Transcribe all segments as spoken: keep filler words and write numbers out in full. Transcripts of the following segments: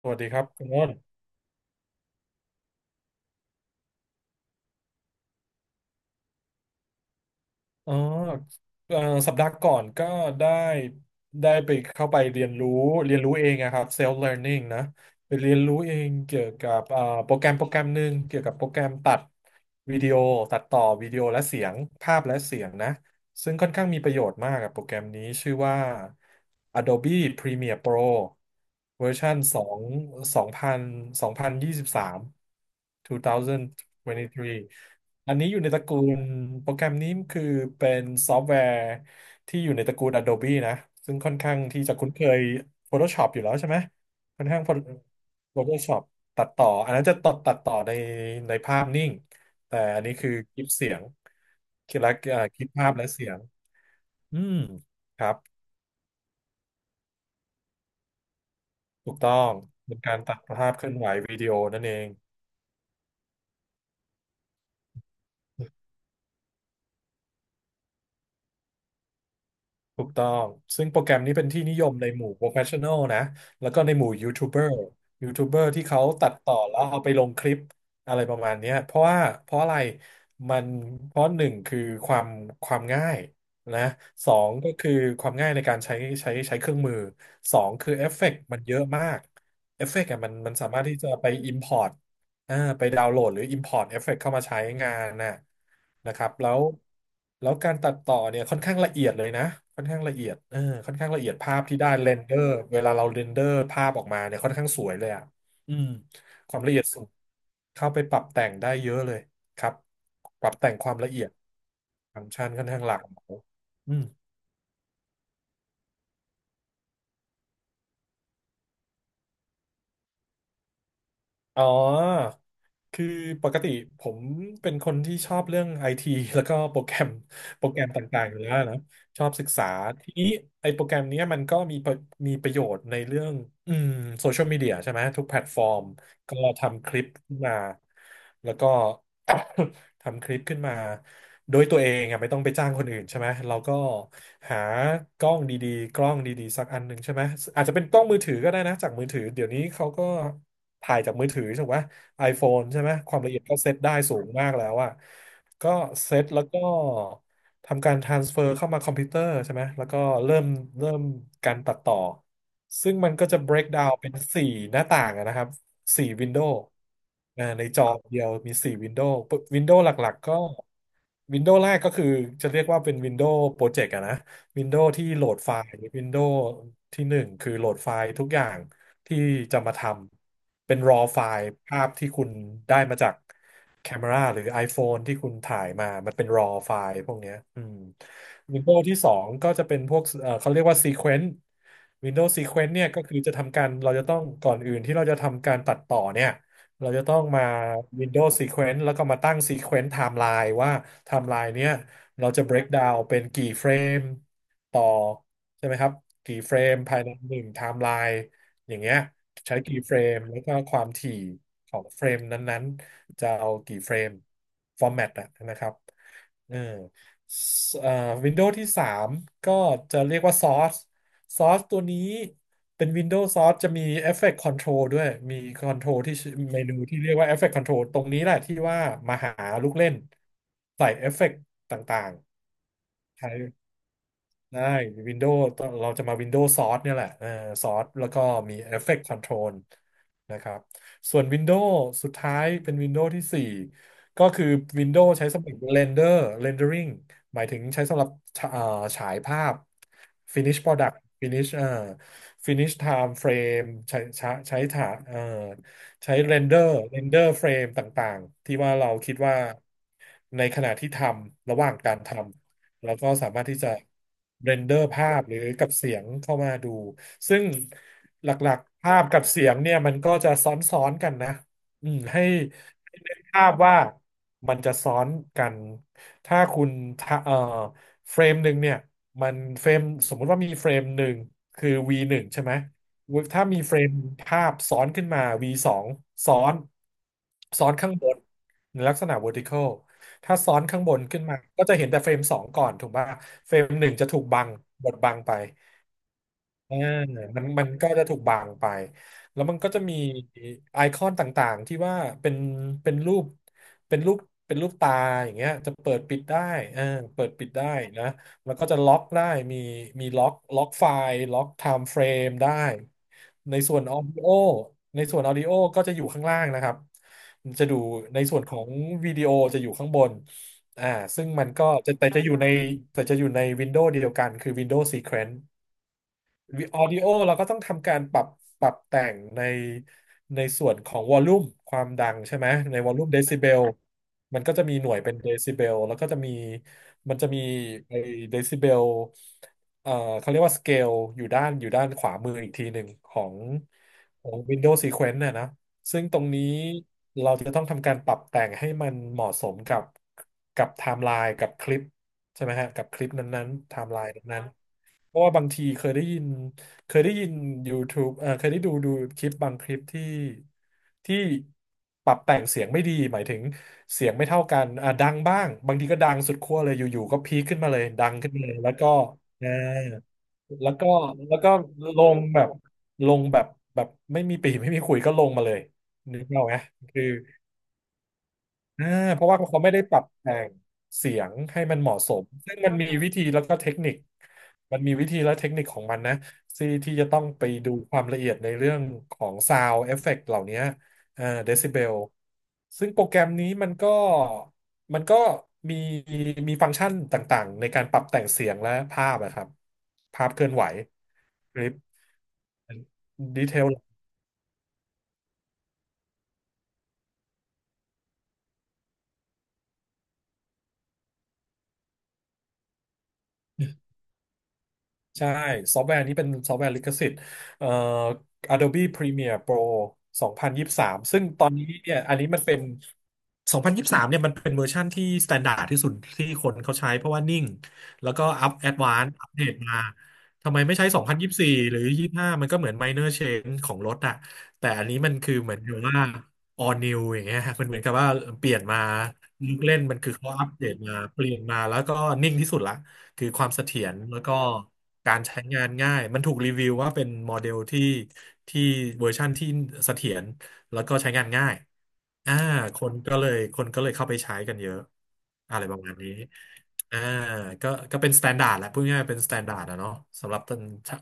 สวัสดีครับคุณอ้นอ๋อเอ่อสัปดาห์ก่อนก็ได้ได้ไปเข้าไปเรียนรู้เรียนรู้เองอะครับ self learning นะไปเรียนรู้เองเกี่ยวกับเอ่อโปรแกรมโปรแกรมหนึ่งเกี่ยวกับโปรแกรมตัดวิดีโอตัดต่อวิดีโอและเสียงภาพและเสียงนะ ซึ่งค่อนข้างมีประโยชน์มากกับโปรแกรมนี้ชื่อว่า Adobe Premiere Pro เวอร์ชันสองสองพันสองพันยี่สิบสามสองพันยี่สิบสามองพันยี่สิบสามอันนี้อยู่ในตระกูลโปรแกรมนี้คือเป็นซอฟต์แวร์ที่อยู่ในตระกูล Adobe นะซึ่งค่อนข้างที่จะคุ้นเคย Photoshop อยู่แล้วใช่ไหมค่อนข้าง Photoshop ตัดต่ออันนั้นจะตัดตัดต่อในในภาพนิ่ง แต่อันนี้คือคลิปเสียงคลิปและอ่าคลิปภาพและเสียงอืมครับถูกต้องเป็นการตัดภาพเคลื่อนไหววิดีโอนั่นเอง ถูกต้อง ซึ่งโปรแกรมนี้เป็นที่นิยมในหมู่ professional นะแล้วก็ในหมู่ยูทูบเบอร์ยูทูบเบอร์ที่เขาตัดต่อแล้วเอาไปลงคลิปอะไรประมาณเนี้ยเพราะว่าเพราะอะไรมันเพราะหนึ่งคือความความง่ายนะสองก็คือความง่ายในการใช้ใช้ใช้เครื่องมือ สองคือเอฟเฟกต์มันเยอะมากเอฟเฟกต์อะมันมันสามารถที่จะไป import อ่าไปดาวน์โหลดหรือ Import เอฟเฟกต์เข้ามาใช้งานน่ะนะครับแล้วแล้วการตัดต่อเนี่ยค่อนข้างละเอียดเลยนะค่อนข้างละเอียดเออค่อนข้างละเอียดภาพที่ได้เรนเดอร์เวลาเราเรนเดอร์ภาพออกมาเนี่ยค่อนข้างสวยเลยอ่ะอืมความละเอียดสูงเข้าไปปรับแต่งได้เยอะเลยครับปรับแต่งความละเอียดฟังก์ชันค่อนข้างหลากหลายอืม อ๋อ คือปกติผมเป็นคนที่ชอบเรื่องไอที แล้วก็โปรแกรมโปรแกรมต่างๆอยู่แล้วนะชอบศึกษาทีนี้ไอโปรแกรมเนี้ยมันก็มีประมีประโยชน์ในเรื่องอืมโซเชียลมีเดียใช่ไหมทุกแพลตฟอร์ม ก็ทำคลิปขึ้นมา แล้วก็ ทำคลิปขึ้นมา โดยตัวเองอะไม่ต้องไปจ้างคนอื่นใช่ไหม เราก็หากล้องดีๆกล้องดีๆสักอันหนึ่งใช่ไหม อาจจะเป็นกล้องมือถือก็ได้นะจากมือถือ เดี๋ยวนี้เขาก็ถ่ายจากมือถือใช่ไหม iPhone ใช่ไหมความละเอียดก็เซตได้สูงมากแล้วอะก็เซตแล้วก็ ทำการ transfer เข้ามาคอมพิวเตอร์ใช่ไหม แล้วก็เริ่มเริ่มการตัดต่อ ซึ่งมันก็จะ break down เป็นสี่หน้าต่างอะนะครับสี่ window อ่าในจอเดียวมีสี่ window window หลักๆ ก็ window แรกก็คือจะเรียกว่าเป็น window project อะนะ วินโดว์ที่โหลดไฟล์วินโดว์ที่หนึ่งคือโหลดไฟล์ทุกอย่างที่จะมาทำเป็น raw ไฟล์ภาพที่คุณได้มาจากแคมราหรือ iPhone ที่คุณถ่ายมามันเป็น raw ไฟล์พวกเนี้ยอืม Windows ที่สองก็จะเป็นพวกเอ่อเขาเรียกว่า Sequence Windows Sequence เนี่ยก็คือจะทำการเราจะต้องก่อนอื่นที่เราจะทำการตัดต่อเนี่ยเราจะต้องมา Windows Sequence แล้วก็มาตั้ง Sequence Timeline ว่า Timeline เนี้ย เราจะ break down เป็นกี่เฟรมต่อใช่ไหมครับกี่เฟรมภายในหนึ่งไทม์ไลน์อย่างเงี้ยใช้กี่เฟรมแล้วก็ความถี่ของเฟรมนั้นๆจะเอากี่เฟรมฟอร์แมตอะนะครับเออสเอ่อวินโดว์ที่สามก็จะเรียกว่าซอสซอสตัวนี้เป็น Windows Source จะมี Effect Control ด้วยมี Control ที่ชื่อเมนูที่เรียกว่า Effect Control ตรงนี้แหละที่ว่ามาหาลูกเล่นใส่เอฟเฟกต์ต่าง ใช้ได้วินโดว์เราจะมาวินโดว์ซอสเนี่ยแหละเออซอสแล้วก็มี Effect Control นะครับส่วนวินโด w s สุดท้ายเป็นวินโด w s ที่สี่ก็คือวินโด w s ใช้สำหรับ Render Rendering หมายถึงใช้สำหรับเอ่อฉายภาพ Finish Product Finish เอ่อ Finish Time Frame ใช้ใช้ใช้ถาเอ่อใช้ Render Render Frame ต่างๆที่ว่าเราคิดว่าในขณะที่ทำระหว่างการทำ แล้วก็สามารถที่จะเรนเดอร์ภาพหรือกับเสียงเข้ามาดูซึ่งหลักๆภาพกับเสียงเนี่ยมันก็จะซ้อนๆกันนะอืมให้ให้นึกภาพว่ามันจะซ้อนกันถ้าคุณทะเอ่อเฟรมหนึ่งเนี่ยมันเฟรมสมมุติว่ามีเฟรมหนึ่งคือ V หนึ่งใช่ไหมถ้ามีเฟรมภาพซ้อนขึ้นมา V สองซ้อนซ้อนข้างบนในลักษณะ vertical ถ้าซ้อนข้างบนขึ้นมาก็จะเห็นแต่เฟรมสองก่อนถูกป่ะเฟรมหนึ่งจะถูกบังบดบังไป อ่ามันมันก็จะถูกบางไปแล้วมันก็จะมีไอคอนต่างๆที่ว่าเป็นเป็นรูปเป็นรูปเป็นรูปตาอย่างเงี้ยจะเปิดปิดได้เออเปิดปิดได้นะแล้วก็จะล็อกได้มีมีล็อกล็อกไฟล์ล็อกไทม์เฟรมได้ในส่วนออดิโอในส่วนออดิโอก็จะอยู่ข้างล่างนะครับมันจะดูในส่วนของวิดีโอจะอยู่ข้างบนอ่าซึ่งมันก็จะแต่จะอยู่ในแต่จะอยู่ในวินโดว์เดียวกันคือ Windows Sequence ออดิโอเราก็ต้องทำการปรับปรับแต่งในในส่วนของวอลลุ่มความดังใช่ไหมในวอลลุ่มเดซิเบลมันก็จะมีหน่วยเป็นเดซิเบลแล้วก็จะมีมันจะมีไอเดซิเบลเอ่อเขาเรียกว่าสเกลอยู่ด้านอยู่ด้านขวามืออีกทีหนึ่งของของ Windows Sequence น่ะนะซึ่งตรงนี้เราจะต้องทำการปรับแต่งให้มันเหมาะสมกับกับไทม์ไลน์กับคลิปใช่ไหมฮะกับคลิปนั้นๆไทม์ไลน์นั้น เพราะว่าบางทีเคยได้ยินเคยได้ยิน YouTube เอ่อเคยได้ดูดูคลิปบางคลิปที่ที่ปรับแต่งเสียงไม่ดีหมายถึงเสียงไม่เท่ากันอ่ะดังบ้างบางทีก็ดังสุดขั้วเลยอยู่ๆก็พีคขึ้นมาเลยดังขึ้นมาเลยแล้วก็อ่าแล้วก็แล้วก็ลงแบบลงแบบแบบไม่มีปีไม่มีขุยก็ลงมาเลยนึกเอาไหม อ่าเพราะว่าเขาไม่ได้ปรับแต่งเสียงให้มันเหมาะสมซึ่งมันมีวิธีแล้วก็เทคนิคมันมีวิธีและเทคนิคของมันนะที่ที่จะต้องไปดูความละเอียดในเรื่องของซาวเอฟเฟกต์เหล่านี้อ่าเดซิเบลซึ่งโปรแกรมนี้มันก็มันก็มีมีฟังก์ชันต่างๆในการปรับแต่งเสียงและภาพนะครับภาพเคลื่อนไหวคลิปดีเทล ใช่ซอฟต์แวร์นี้เป็นซอฟต์แวร์ลิขสิทธิ์เอ่อ Adobe Premiere Pro สองพันยี่สิบสามซึ่งตอนนี้เนี่ยอันนี้มันเป็นสองพันยี่สิบสามเนี่ยมันเป็นเวอร์ชั่นที่ s t ต n d า r d ที่สุดที่คนเขาใช้เพราะว่านิ่งแล้วก็อัพแอดวานซ์อัปเดตมาทำไมไม่ใช้สองพันยี่สิบสี่หรือยี่สิบห้ามันก็เหมือน minor change ของรถอะแต่อันนี้มันคือเหมือนกับว่า all new อย่างเงี้ยมันเหมือนกับว่าเปลี่ยนมาลูกเล่นมันคือเขาอัปเดตมาเปลี่ยนมาแล้วก็นิ่งที่สุดละ คือความเสถียรแล้วก็การใช้งานง่ายมันถูกรีวิวว่าเป็นโมเดลที่ที่เวอร์ชั่นที่เสถียรแล้วก็ใช้งานง่ายอ่าคนก็เลยคนก็เลยเข้าไปใช้กันเยอะอะไรประมาณนี้อ่าก็ก็เป็นสแตนดาร์ดแหละพูดง่ายๆเป็นสแตนดาร์ดอะเนาะสำหรับ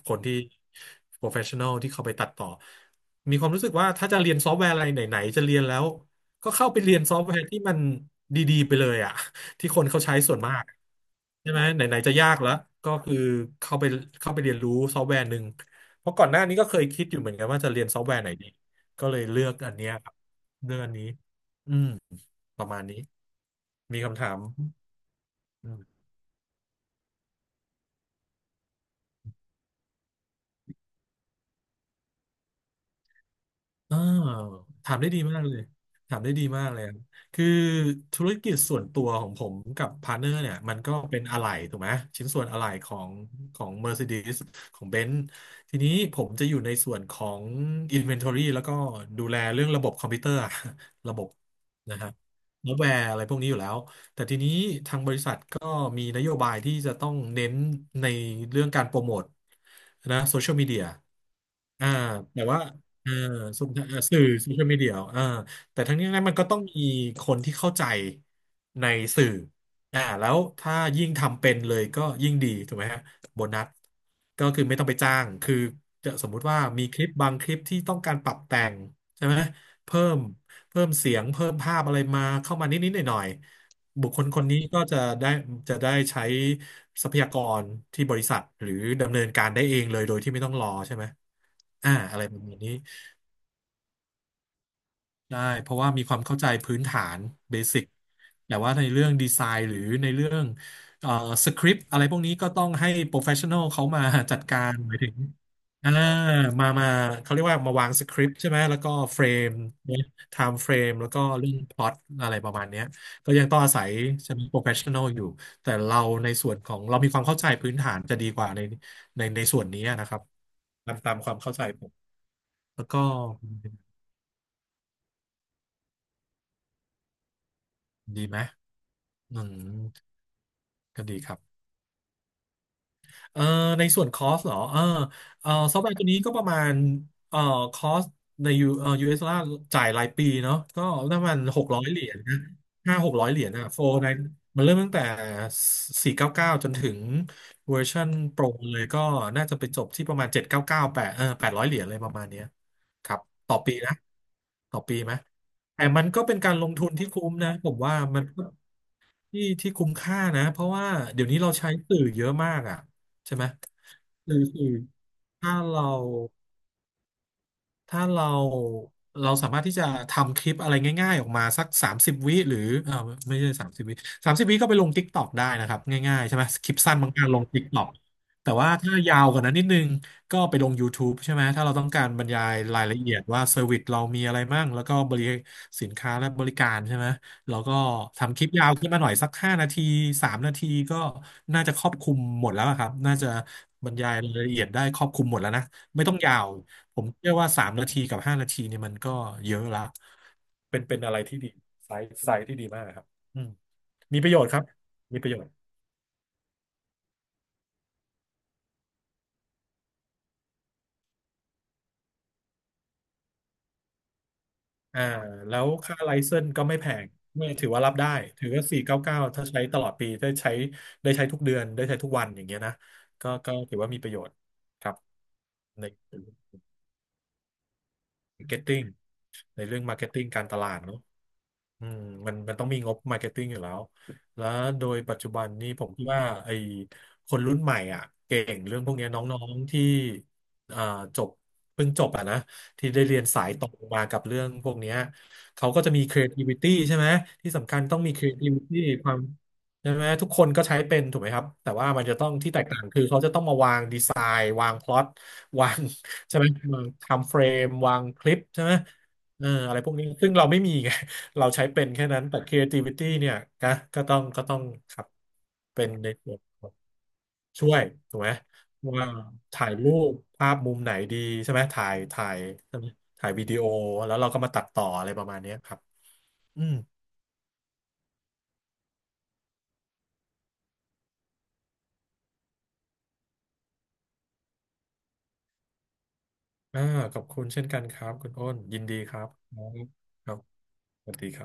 คนที่ professional ที่เข้าไปตัดต่อมีความรู้สึกว่าถ้าจะเรียนซอฟต์แวร์อะไรไหนๆจะเรียนแล้วก็เข้าไปเรียนซอฟต์แวร์ที่มันดีๆไปเลยอ่ะ ที่คนเขาใช้ส่วนมากใช่ไหมไหนๆจะยากแล้วก็คือเข้าไปเข้าไปเรียนรู้ซอฟต์แวร์หนึ่งเพราะก่อนหน้านี้ก็เคยคิดอยู่เหมือนกันว่าจะเรียนซอฟต์แวร์ไหนดีก็เลยเลือกอันเนี้ยครับเลือกอันนี้อืมประมาณนี้มีคำถาม เออถามได้ดีมากเลยถามได้ดีมากเลยครับคือธุรกิจส่วนตัวของผมกับพาร์ทเนอร์เนี่ยมันก็เป็นอะไหล่ถูกไหมชิ้นส่วนอะไหล่ของของ Mercedes ของ Benz ทีนี้ผมจะอยู่ในส่วนของ Inventory แล้วก็ดูแลเรื่องระบบคอมพิวเตอร์อะ ระบบนะฮะซอฟต์แวร์อะไรพวกนี้อยู่แล้วแต่ทีนี้ทางบริษัทก็มีนโยบายที่จะต้องเน้นในเรื่องการโปรโมทนะโซเชียลมีเดียอ่าแต่ว่า เอาโซเชียลเอ่อสื่อโซเชียลมีเดียอ่าแต่ทั้งนี้ทั้งนั้นมันก็ต้องมีคนที่เข้าใจในสื่ออ่าแล้วถ้ายิ่งทำเป็นเลยก็ยิ่งดีถูกไหมฮะโบนัสก็คือไม่ต้องไปจ้างคือจะสมมุติว่ามีคลิปบางคลิปที่ต้องการปรับแต่งใช่ไหมเพิ่มเพิ่มเสียงเพิ่มภาพอะไรมาเข้ามานิดนิดหน่อยหน่อยๆบุคคลคนนี้ก็จะได้จะได้ใช้ทรัพยากรที่บริษัทหรือดำเนินการได้เองเลยโดยที่ไม่ต้องรอใช่ไหมอ่าอะไรประมาณนี้ ได้เพราะว่ามีความเข้าใจพื้นฐานเบสิกแต่ว่าในเรื่องดีไซน์หรือในเรื่องเอ่อสคริปต์อะไรพวกนี้ก็ต้องให้โปรเฟชชั่น a ลเขามาจัดการหมายถึงอ่ามามาเขาเรียกว่ามาวางสคริปต์ใช่ไหมแล้วก็เฟรมเนี่ยไทม์เฟรมแล้วก็เรื่องพล็อตอะไรประมาณเนี้ยก็ยังต้องอาศัยใช่ไหมโปรเฟชชั่น a ลอยู่แต่เราในส่วนของเรามีความเข้าใจพื้นฐานจะดีกว่าในในในส่วนนี้นะครับตามตามความเข้าใจผมแล้วก็ดีไหมอืมก็ดีครับ เอ่อในส่วนคอสเหรอเออเอ่อซอฟต์แวร์ตัวนี้ก็ประมาณเอ่อคอสในยูเอ่อยูเอสดอลลาร์จ่ายรายปีเนาะก็ประมาณหกร้อยเหรียญนะห้าหกร้อยเหรียญอะโฟร์ในมันเริ่มตั้งแต่สี่เก้าเก้าจนถึงเวอร์ชันโปรเลยก็น่าจะไปจบที่ประมาณเจ็ดเก้าเก้าแปดเออแปดร้อยเหรียญเลยประมาณเนี้ยครับต่อปีนะต่อปีไหมแต่มันก็เป็นการลงทุนที่คุ้มนะผมว่ามันก็ที่ที่คุ้มค่านะเพราะว่าเดี๋ยวนี้เราใช้สื่อเยอะมากอ่ะใช่ไหม คือคือถ้าเรา ถ้าเราเราสามารถที่จะทำคลิปอะไรง่ายๆออกมาสักสามสิบวิหรือเออไม่ใช่สามสิบวิสามสิบวิก็ไปลง TikTok ได้นะครับง่ายๆใช่ไหมคลิปสั้นบางการลง TikTok แต่ว่าถ้ายาวกว่านั้นนิดนึงก็ไปลง YouTube ใช่ไหมถ้าเราต้องการบรรยายรายละเอียดว่าเซอร์วิสเรามีอะไรมั่งแล้วก็บริสินค้าและบริการใช่ไหมเราก็ทำคลิปยาวขึ้นมาหน่อยสักห้านาทีสามนาทีก็น่าจะครอบคลุมหมดแล้วอะครับน่าจะบรรยายรายละเอียดได้ครอบคลุมหมดแล้วนะไม่ต้องยาว ผมเชื่อว่าสามนาทีกับห้านาทีเนี่ยมันก็เยอะละเป็นเป็นอะไรที่ดีไซส์ไซส์ที่ดีมากครับอืมมีประโยชน์ครับมีประโยชน์อ่าแล้วค่าไลเซนส์ก็ไม่แพงไม่ถือว่ารับได้ถือว่าสี่เก้าเก้าถ้าใช้ตลอดปีได้ใช้ได้ใช้ทุกเดือนได้ใช้ทุกวันอย่างเงี้ยนะก็ก็ถือว่ามีประโยชน์ครับใน marketing ในเรื่อง marketing การตลาดเนอะ อืมมันมันต้องมีงบมาร์เก็ตติ้งอยู่แล้ว แล้วโดยปัจจุบันนี้ผมคิดว่าไอ้คนรุ่นใหม่อ่ะเก่งเรื่องพวกเนี้ยน้องๆที่อ่าจบเพิ่งจบอ่ะนะที่ได้เรียนสายตรงมากับเรื่องพวกเนี้ยเขาก็จะมี creativity ใช่ไหมที่สำคัญต้องมี creativity ความใช่ไหมทุกคนก็ใช้เป็นถูกไหมครับแต่ว่ามันจะต้องที่แตกต่างคือเขาจะต้องมาวางดีไซน์วางพล็อตวาง ใช่ไหมวางทำเฟรมวางคลิปใช่ไหมเอออะไรพวกนี้ซึ่งเราไม่มีไง เราใช้เป็นแค่นั้นแต่ creativity เนี่ยก็ก็ต้องก็ต้องครับเป็นในส่วนของช่วยถูกไหมว่าถ่ายรูปภาพมุมไหนดีใช่ไหมถ่ายถ่ายใช่ไหมถ่ายวิดีโอแล้วเราก็มาตัดต่ออะไรประมาณเนี้ยครับอืมอ่าขอบคุณเช่นกันครับคุณอ้นยินดีครับครับครับสวัสดีครับ